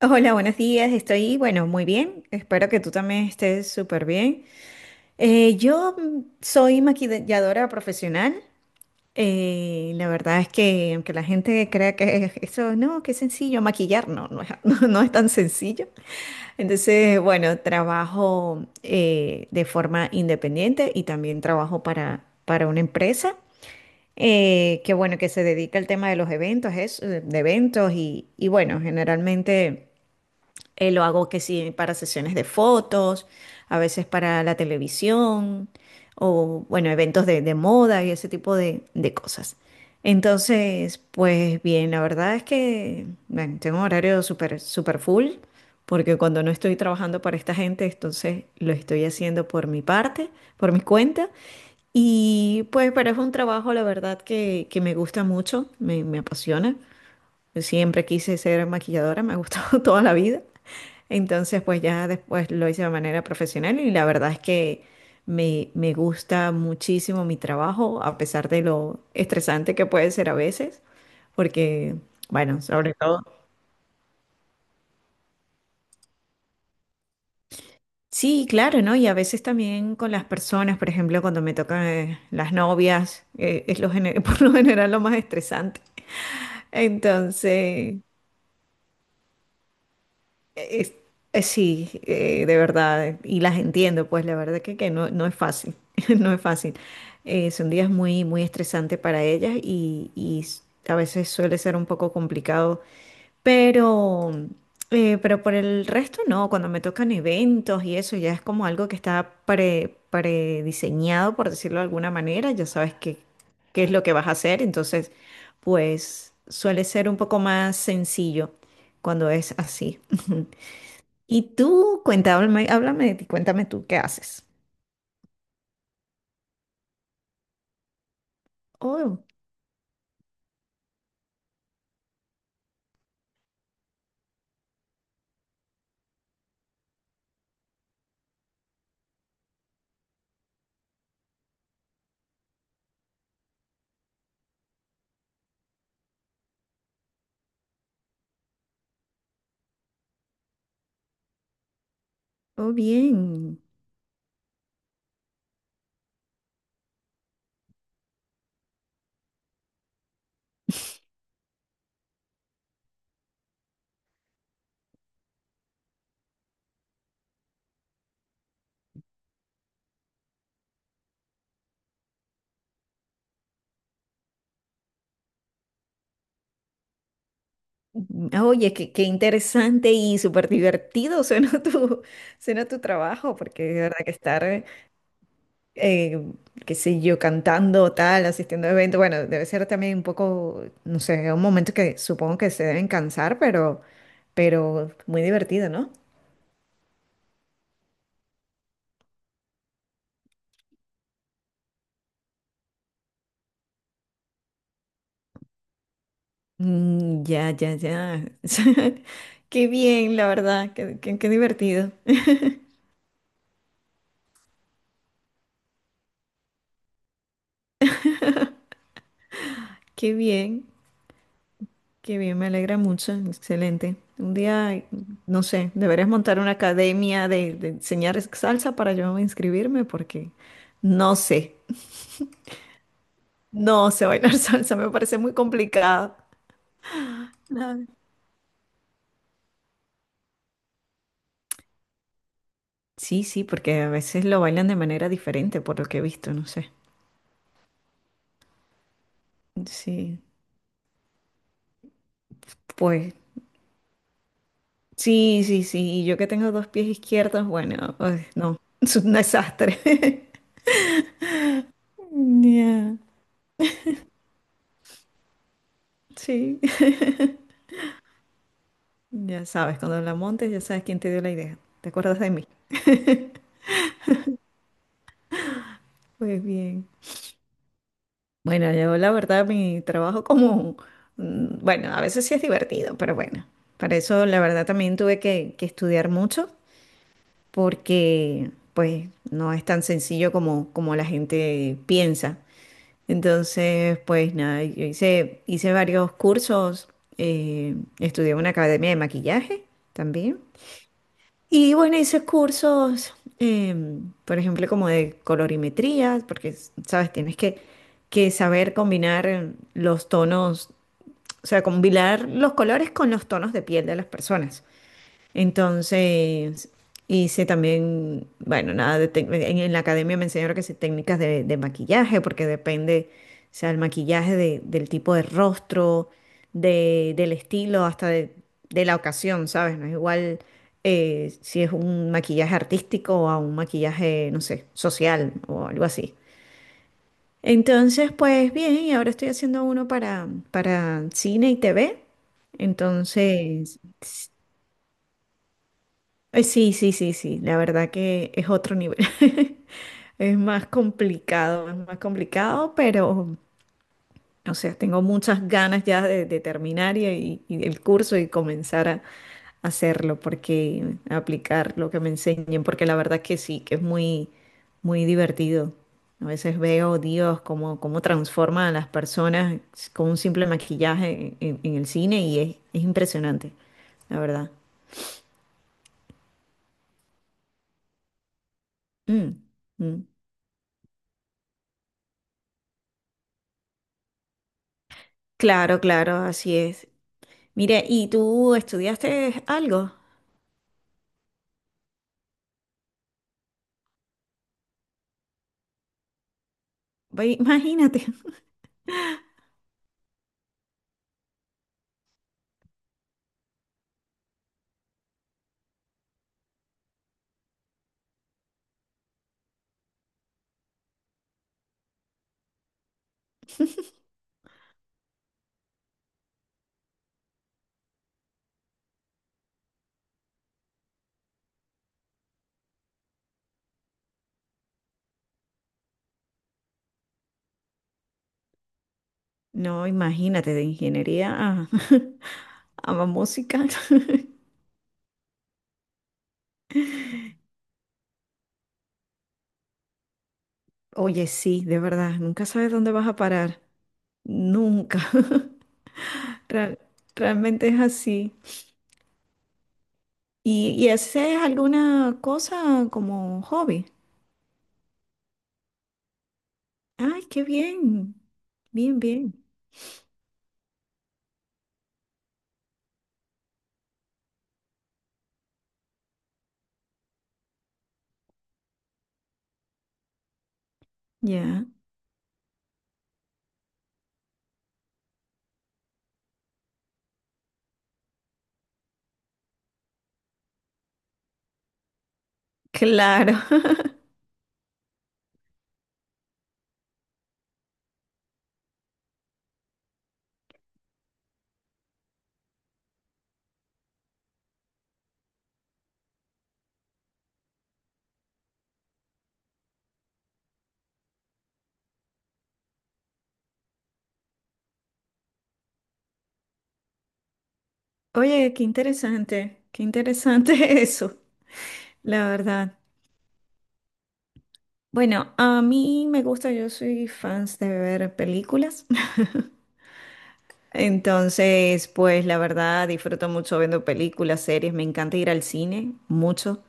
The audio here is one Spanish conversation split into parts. Hola, buenos días. Estoy, bueno, muy bien. Espero que tú también estés súper bien. Yo soy maquilladora profesional. La verdad es que aunque la gente crea que eso, no, qué sencillo, maquillar, no, no es, no, no es tan sencillo. Entonces, bueno, trabajo de forma independiente y también trabajo para una empresa que, bueno, que se dedica al tema de los eventos, es, de eventos y bueno, generalmente... lo hago que sí para sesiones de fotos, a veces para la televisión o, bueno, eventos de moda y ese tipo de cosas. Entonces, pues bien, la verdad es que, bueno, tengo un horario súper, súper full porque cuando no estoy trabajando para esta gente, entonces lo estoy haciendo por mi parte, por mi cuenta. Y pues, pero es un trabajo, la verdad, que me gusta mucho, me apasiona. Yo siempre quise ser maquilladora, me ha gustado toda la vida. Entonces, pues ya después lo hice de manera profesional y la verdad es que me gusta muchísimo mi trabajo, a pesar de lo estresante que puede ser a veces, porque, bueno, sobre todo... Sí, claro, ¿no? Y a veces también con las personas, por ejemplo, cuando me tocan las novias, por lo general lo más estresante. Entonces, Eh, sí, de verdad, y las entiendo, pues la verdad que no, no es fácil, no es fácil. Son días muy, muy estresantes para ellas y a veces suele ser un poco complicado, pero, pero por el resto no, cuando me tocan eventos y eso ya es como algo que está prediseñado, por decirlo de alguna manera, ya sabes qué, qué es lo que vas a hacer, entonces pues suele ser un poco más sencillo cuando es así. Y tú, cuéntame, háblame de ti, cuéntame tú qué haces. Oh, oh, bien. Oye, qué, qué interesante y súper divertido suena tu trabajo, porque de verdad que estar, qué sé yo, cantando tal, asistiendo a eventos, bueno, debe ser también un poco, no sé, un momento que supongo que se deben cansar, pero muy divertido, ¿no? Mm, ya, ya, ya. Qué bien, la verdad, qué, qué qué divertido. Qué bien. Qué bien, me alegra mucho, excelente. Un día, no sé, deberías montar una academia de enseñar salsa para yo inscribirme porque no sé, no sé bailar salsa, me parece muy complicado. Claro. Sí, sí, porque a veces lo bailan de manera diferente, por lo que he visto, no sé. Sí, pues sí, sí, sí, y yo que tengo dos pies izquierdos, bueno, pues, no, es un desastre. Ya, sí. Ya sabes, cuando la montes ya sabes quién te dio la idea. ¿Te acuerdas de mí? Pues bien. Bueno, yo la verdad mi trabajo bueno, a veces sí es divertido, pero bueno, para eso la verdad también tuve que estudiar mucho porque pues no es tan sencillo como, como la gente piensa. Entonces, pues nada, yo hice, hice varios cursos, estudié en una academia de maquillaje también. Y bueno, hice cursos, por ejemplo, como de colorimetría, porque, sabes, tienes que saber combinar los tonos, o sea, combinar los colores con los tonos de piel de las personas. Entonces, hice también, bueno, nada de tec- en la academia me enseñaron que sí, técnicas de maquillaje, porque depende, o sea, el maquillaje del tipo de rostro, del estilo, hasta de la ocasión, ¿sabes? No es igual si es un maquillaje artístico o a un maquillaje, no sé, social o algo así. Entonces, pues bien, y ahora estoy haciendo uno para cine y TV. Entonces, sí, sí, sí, sí, la verdad que es otro nivel. Es más complicado, pero, o sea, tengo muchas ganas ya de terminar y el curso y comenzar a hacerlo, porque a aplicar lo que me enseñen, porque la verdad que sí, que es muy, muy divertido. A veces veo, Dios, cómo, cómo transforma a las personas con un simple maquillaje en, en el cine y es impresionante, la verdad. Mm, mm. Claro, claro, así es. Mire, ¿y tú estudiaste algo? Ve, imagínate. No, imagínate, de ingeniería a, a música. Oye, sí, de verdad, nunca sabes dónde vas a parar. Nunca. Real- realmente es así. Y haces alguna cosa como hobby? Ay, qué bien. Bien, bien. Ya. Claro. Oye, qué interesante. Qué interesante eso, la verdad. Bueno, a mí me gusta, yo soy fans de ver películas. Entonces, pues la verdad disfruto mucho viendo películas, series, me encanta ir al cine, mucho.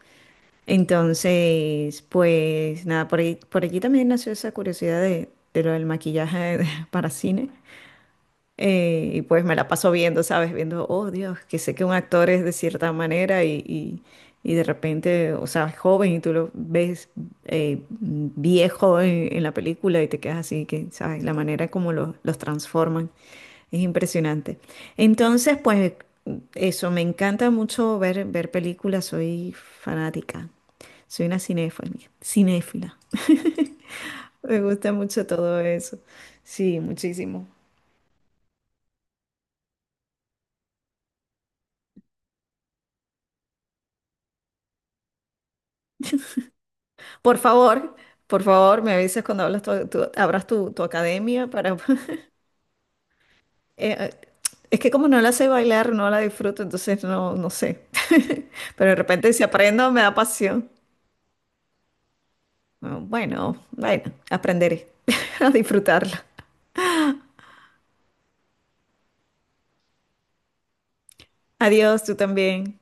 Entonces, pues nada, por allí también nació esa curiosidad de lo del maquillaje para cine. Y pues me la paso viendo, ¿sabes? Viendo, oh Dios, que sé que un actor es de cierta manera y de repente, o sea, es joven y tú lo ves viejo en, la película y te quedas así, que, ¿sabes? La manera como los transforman es impresionante. Entonces, pues eso, me encanta mucho ver, ver películas, soy fanática, soy una cinéfila, cinéfila. Me gusta mucho todo eso. Sí, muchísimo. Por favor, por favor, me avisas cuando abras tu, tu academia para... Eh, es que como no la sé bailar, no la disfruto, entonces no, no sé. Pero de repente si aprendo, me da pasión. Bueno, bueno, bueno, aprenderé a disfrutarla. Adiós, tú también.